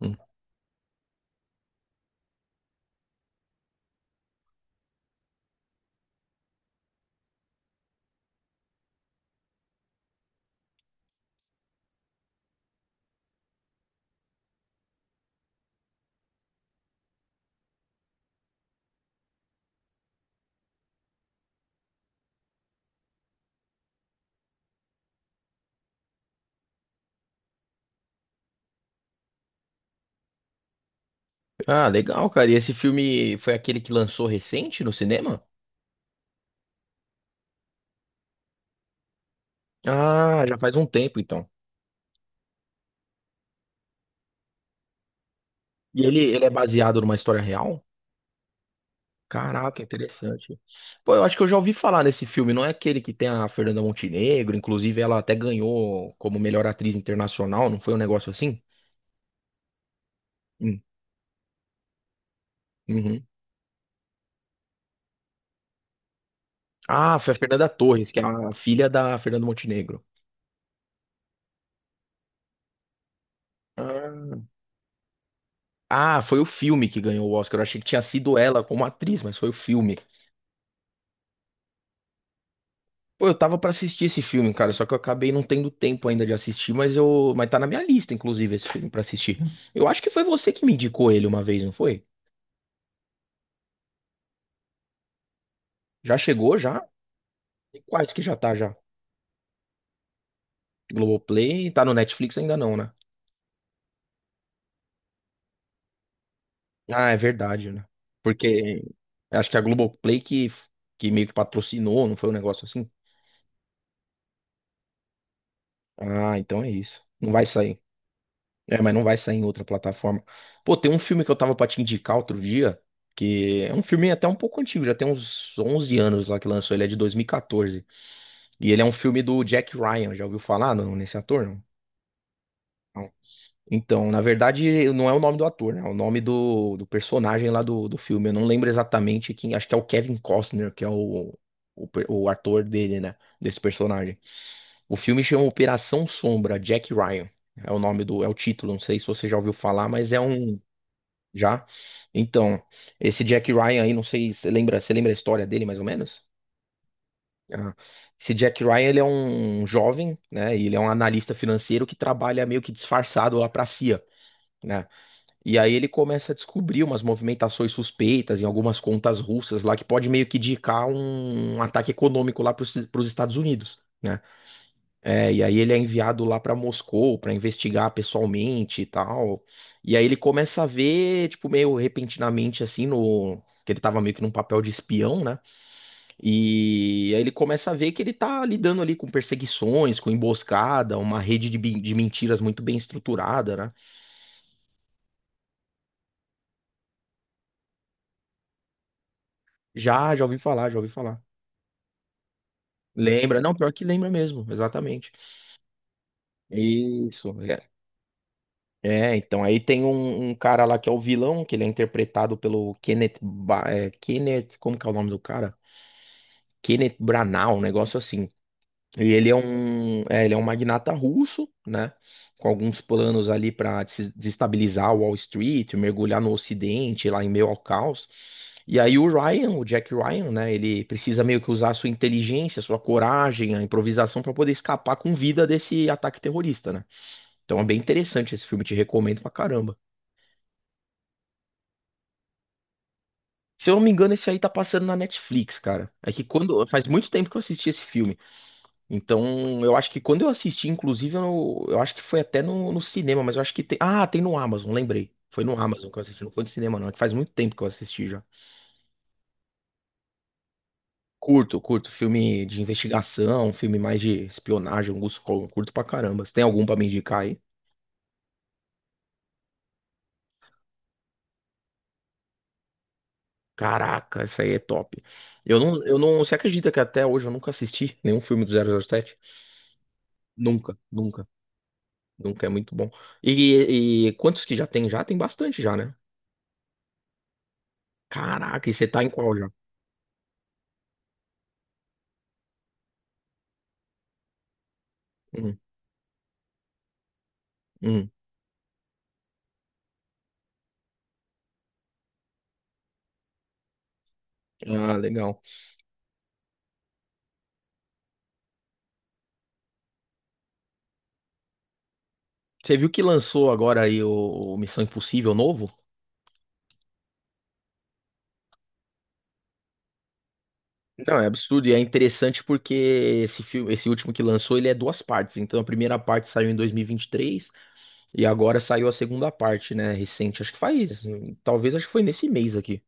Hum. Ah, legal, cara. E esse filme foi aquele que lançou recente no cinema? Ah, já faz um tempo então. E ele é baseado numa história real? Caraca, interessante. Pô, eu acho que eu já ouvi falar nesse filme. Não é aquele que tem a Fernanda Montenegro? Inclusive, ela até ganhou como melhor atriz internacional, não foi um negócio assim? Hum, uhum. Ah, foi a Fernanda Torres, que é a filha da Fernanda Montenegro. Ah, Ah, foi o filme que ganhou o Oscar. Eu achei que tinha sido ela como atriz, mas foi o filme. Pô, eu tava pra assistir esse filme, cara, só que eu acabei não tendo tempo ainda de assistir, mas tá na minha lista, inclusive, esse filme pra assistir. Eu acho que foi você que me indicou ele uma vez, não foi? Já chegou, já? E quais que já tá já? Globoplay, tá no Netflix ainda não, né? Ah, é verdade, né? Porque acho que a Globoplay que meio que patrocinou, não foi um negócio assim? Ah, então é isso. Não vai sair. É, mas não vai sair em outra plataforma. Pô, tem um filme que eu tava pra te indicar outro dia, que é um filme até um pouco antigo, já tem uns 11 anos lá que lançou, ele é de 2014. E quatorze. E ele é um filme do Jack Ryan, já ouviu falar não, nesse ator? Não. Não. Então, na verdade, não é o nome do ator, né? É o nome do personagem lá do filme. Eu não lembro exatamente quem, acho que é o Kevin Costner, que é o ator dele, né? Desse personagem. O filme chama Operação Sombra, Jack Ryan. É o título, não sei se você já ouviu falar, mas é um. Já? Então, esse Jack Ryan aí, não sei se você lembra, você lembra a história dele mais ou menos? Ah, esse Jack Ryan, ele é um jovem, né? E ele é um analista financeiro que trabalha meio que disfarçado lá pra CIA, né? E aí ele começa a descobrir umas movimentações suspeitas em algumas contas russas lá que pode meio que indicar um ataque econômico lá para os Estados Unidos, né? É, e aí ele é enviado lá pra Moscou pra investigar pessoalmente e tal. E aí ele começa a ver, tipo, meio repentinamente assim no que ele tava meio que num papel de espião, né? E aí ele começa a ver que ele tá lidando ali com perseguições, com emboscada, uma rede de mentiras muito bem estruturada, né? Já, já ouvi falar, já ouvi falar. Lembra? Não, pior que lembra mesmo, exatamente. Isso. É. É, então aí tem um cara lá que é o vilão, que ele é interpretado pelo Kenneth, como que é o nome do cara? Kenneth Branagh, um negócio assim. E ele é um magnata russo, né? Com alguns planos ali para desestabilizar o Wall Street, mergulhar no Ocidente, lá em meio ao caos. E aí o Ryan, o Jack Ryan, né? Ele precisa meio que usar a sua inteligência, a sua coragem, a improvisação para poder escapar com vida desse ataque terrorista, né? Então é bem interessante esse filme, te recomendo pra caramba. Se eu não me engano, esse aí tá passando na Netflix, cara. É que quando. Faz muito tempo que eu assisti esse filme. Então, eu acho que quando eu assisti, inclusive, eu acho que foi até no cinema, mas eu acho que tem. Ah, tem no Amazon, lembrei. Foi no Amazon que eu assisti, não foi no cinema, não. É que faz muito tempo que eu assisti já. Curto, curto. Filme de investigação, filme mais de espionagem, Augusto Cury, curto pra caramba. Você tem algum pra me indicar aí? Caraca, essa aí é top. Eu não, eu não. Você acredita que até hoje eu nunca assisti nenhum filme do 007? Nunca, nunca. Nunca é muito bom. E quantos que já tem? Já tem bastante já, né? Caraca, e você tá em qual já? Hum, hum. Ah, legal. Você viu que lançou agora aí o Missão Impossível novo? Não, é absurdo e é interessante porque esse filme, esse último que lançou, ele é duas partes. Então a primeira parte saiu em dois mil e vinte e três e agora saiu a segunda parte, né, recente. Acho que faz, talvez acho que foi nesse mês aqui.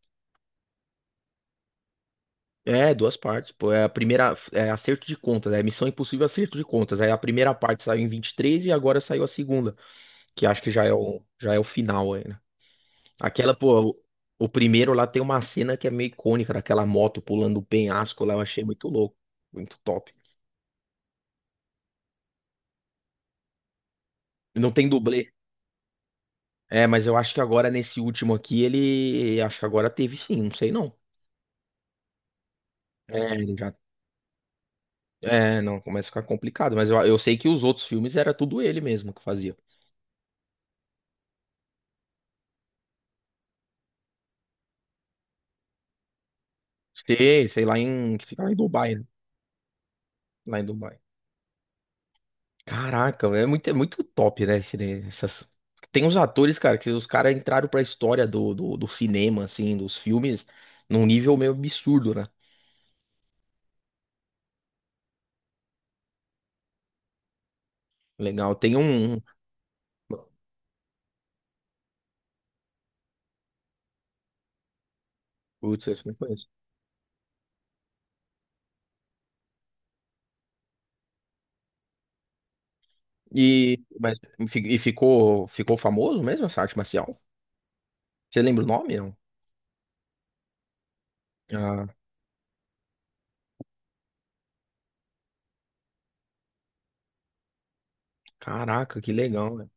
É, duas partes, pô. É a primeira, é acerto de contas, é Missão Impossível acerto de contas. Aí a primeira parte saiu em 23 e agora saiu a segunda. Que acho que já é o final aí, né? Aquela, pô, o, primeiro lá tem uma cena que é meio icônica, daquela moto pulando o penhasco lá, eu achei muito louco, muito top. Não tem dublê. É, mas eu acho que agora nesse último aqui acho que agora teve sim, não sei não. É, ele já. É, não, começa a ficar complicado, mas eu sei que os outros filmes era tudo ele mesmo que fazia. Sei, sei que fica lá em Dubai, né? Lá em Dubai. Caraca, é muito top, né? Essas... Tem uns atores, cara, que os caras entraram pra história do cinema, assim, dos filmes, num nível meio absurdo, né? Legal. Putz, esse eu não conheço. E, mas, e ficou famoso mesmo essa arte marcial? Você lembra o nome? Não? Ah, caraca, que legal, né?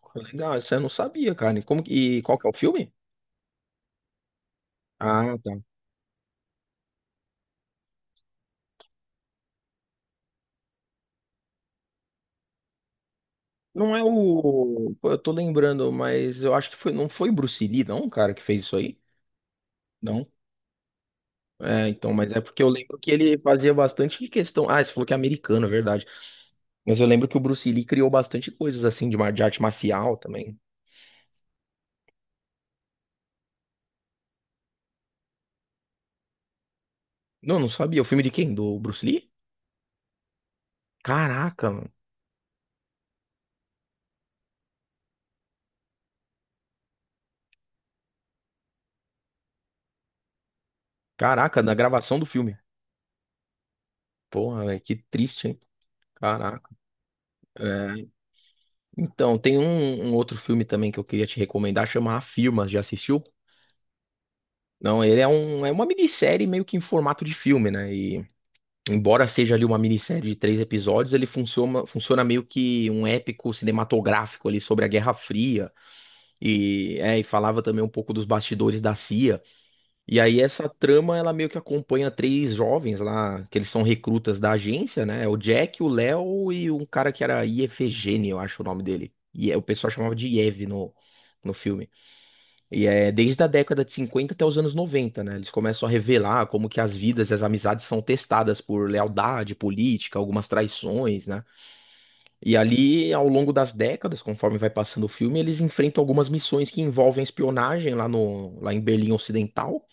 Pô, legal, isso eu não sabia, cara. E qual que é o filme? Ah, tá. Não é o. Pô, eu tô lembrando, mas eu acho que foi, não foi Bruce Lee, não, cara, que fez isso aí? É, então, mas é porque eu lembro que ele fazia bastante questão. Ah, você falou que é americano, é verdade. Mas eu lembro que o Bruce Lee criou bastante coisas assim de arte marcial também. Não, não sabia. O filme de quem? Do Bruce Lee? Caraca, mano. Caraca, na gravação do filme. Porra, velho, que triste, hein? Caraca. É. Então, tem um outro filme também que eu queria te recomendar, chama A Firma. Já assistiu? Não, ele é é uma minissérie meio que em formato de filme, né? Embora seja ali uma minissérie de três episódios, ele funciona, funciona meio que um épico cinematográfico ali sobre a Guerra Fria e, é, e falava também um pouco dos bastidores da CIA. E aí essa trama ela meio que acompanha três jovens lá, que eles são recrutas da agência, né? O Jack, o Léo e um cara que era Iefegênio, eu acho o nome dele. O pessoal chamava de Iev no filme. E é desde a década de 50 até os anos 90, né? Eles começam a revelar como que as vidas e as amizades são testadas por lealdade política, algumas traições, né? E ali, ao longo das décadas, conforme vai passando o filme, eles enfrentam algumas missões que envolvem espionagem lá no, lá em Berlim Ocidental,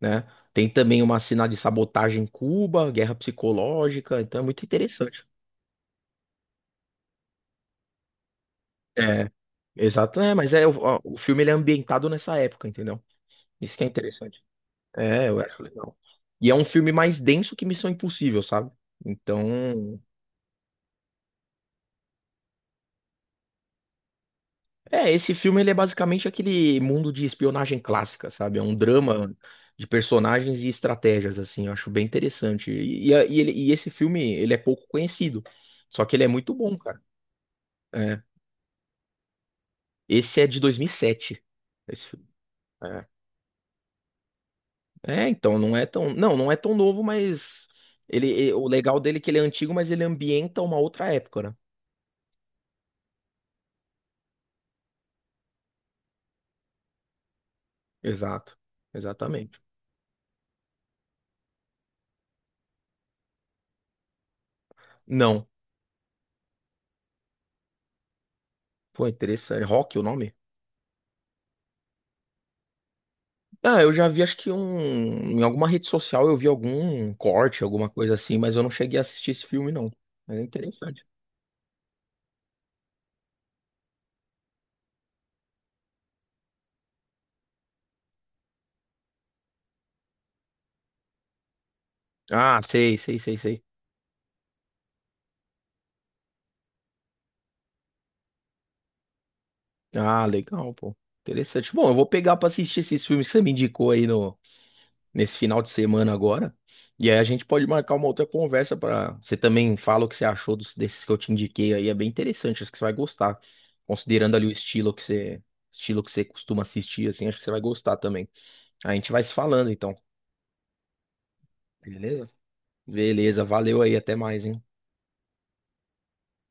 né? Tem também uma cena de sabotagem em Cuba, guerra psicológica, então é muito interessante. É, exato, é, mas é o filme ele é ambientado nessa época, entendeu? Isso que é interessante. É, eu acho legal. E é um filme mais denso que Missão Impossível, sabe? Então, esse filme ele é basicamente aquele mundo de espionagem clássica, sabe? É um drama de personagens e estratégias, assim, eu acho bem interessante. E esse filme, ele é pouco conhecido, só que ele é muito bom, cara. É. Esse é de 2007, esse filme. É. É, então, não, não é tão novo, mas o legal dele é que ele é antigo, mas ele ambienta uma outra época, né? Exato, exatamente. Não. Pô, interessante. Rock, o nome? Ah, eu já vi, acho que um. Em alguma rede social eu vi algum corte, alguma coisa assim, mas eu não cheguei a assistir esse filme, não. Mas é interessante. Ah, sei, sei, sei, sei. Ah, legal, pô. Interessante. Bom, eu vou pegar pra assistir esses filmes que você me indicou aí no, nesse final de semana agora. E aí a gente pode marcar uma outra conversa pra. Você também fala o que você achou desses que eu te indiquei aí. É bem interessante, acho que você vai gostar. Considerando ali o estilo que você costuma assistir, assim, acho que você vai gostar também. A gente vai se falando então, beleza? Beleza, valeu aí, até mais, hein?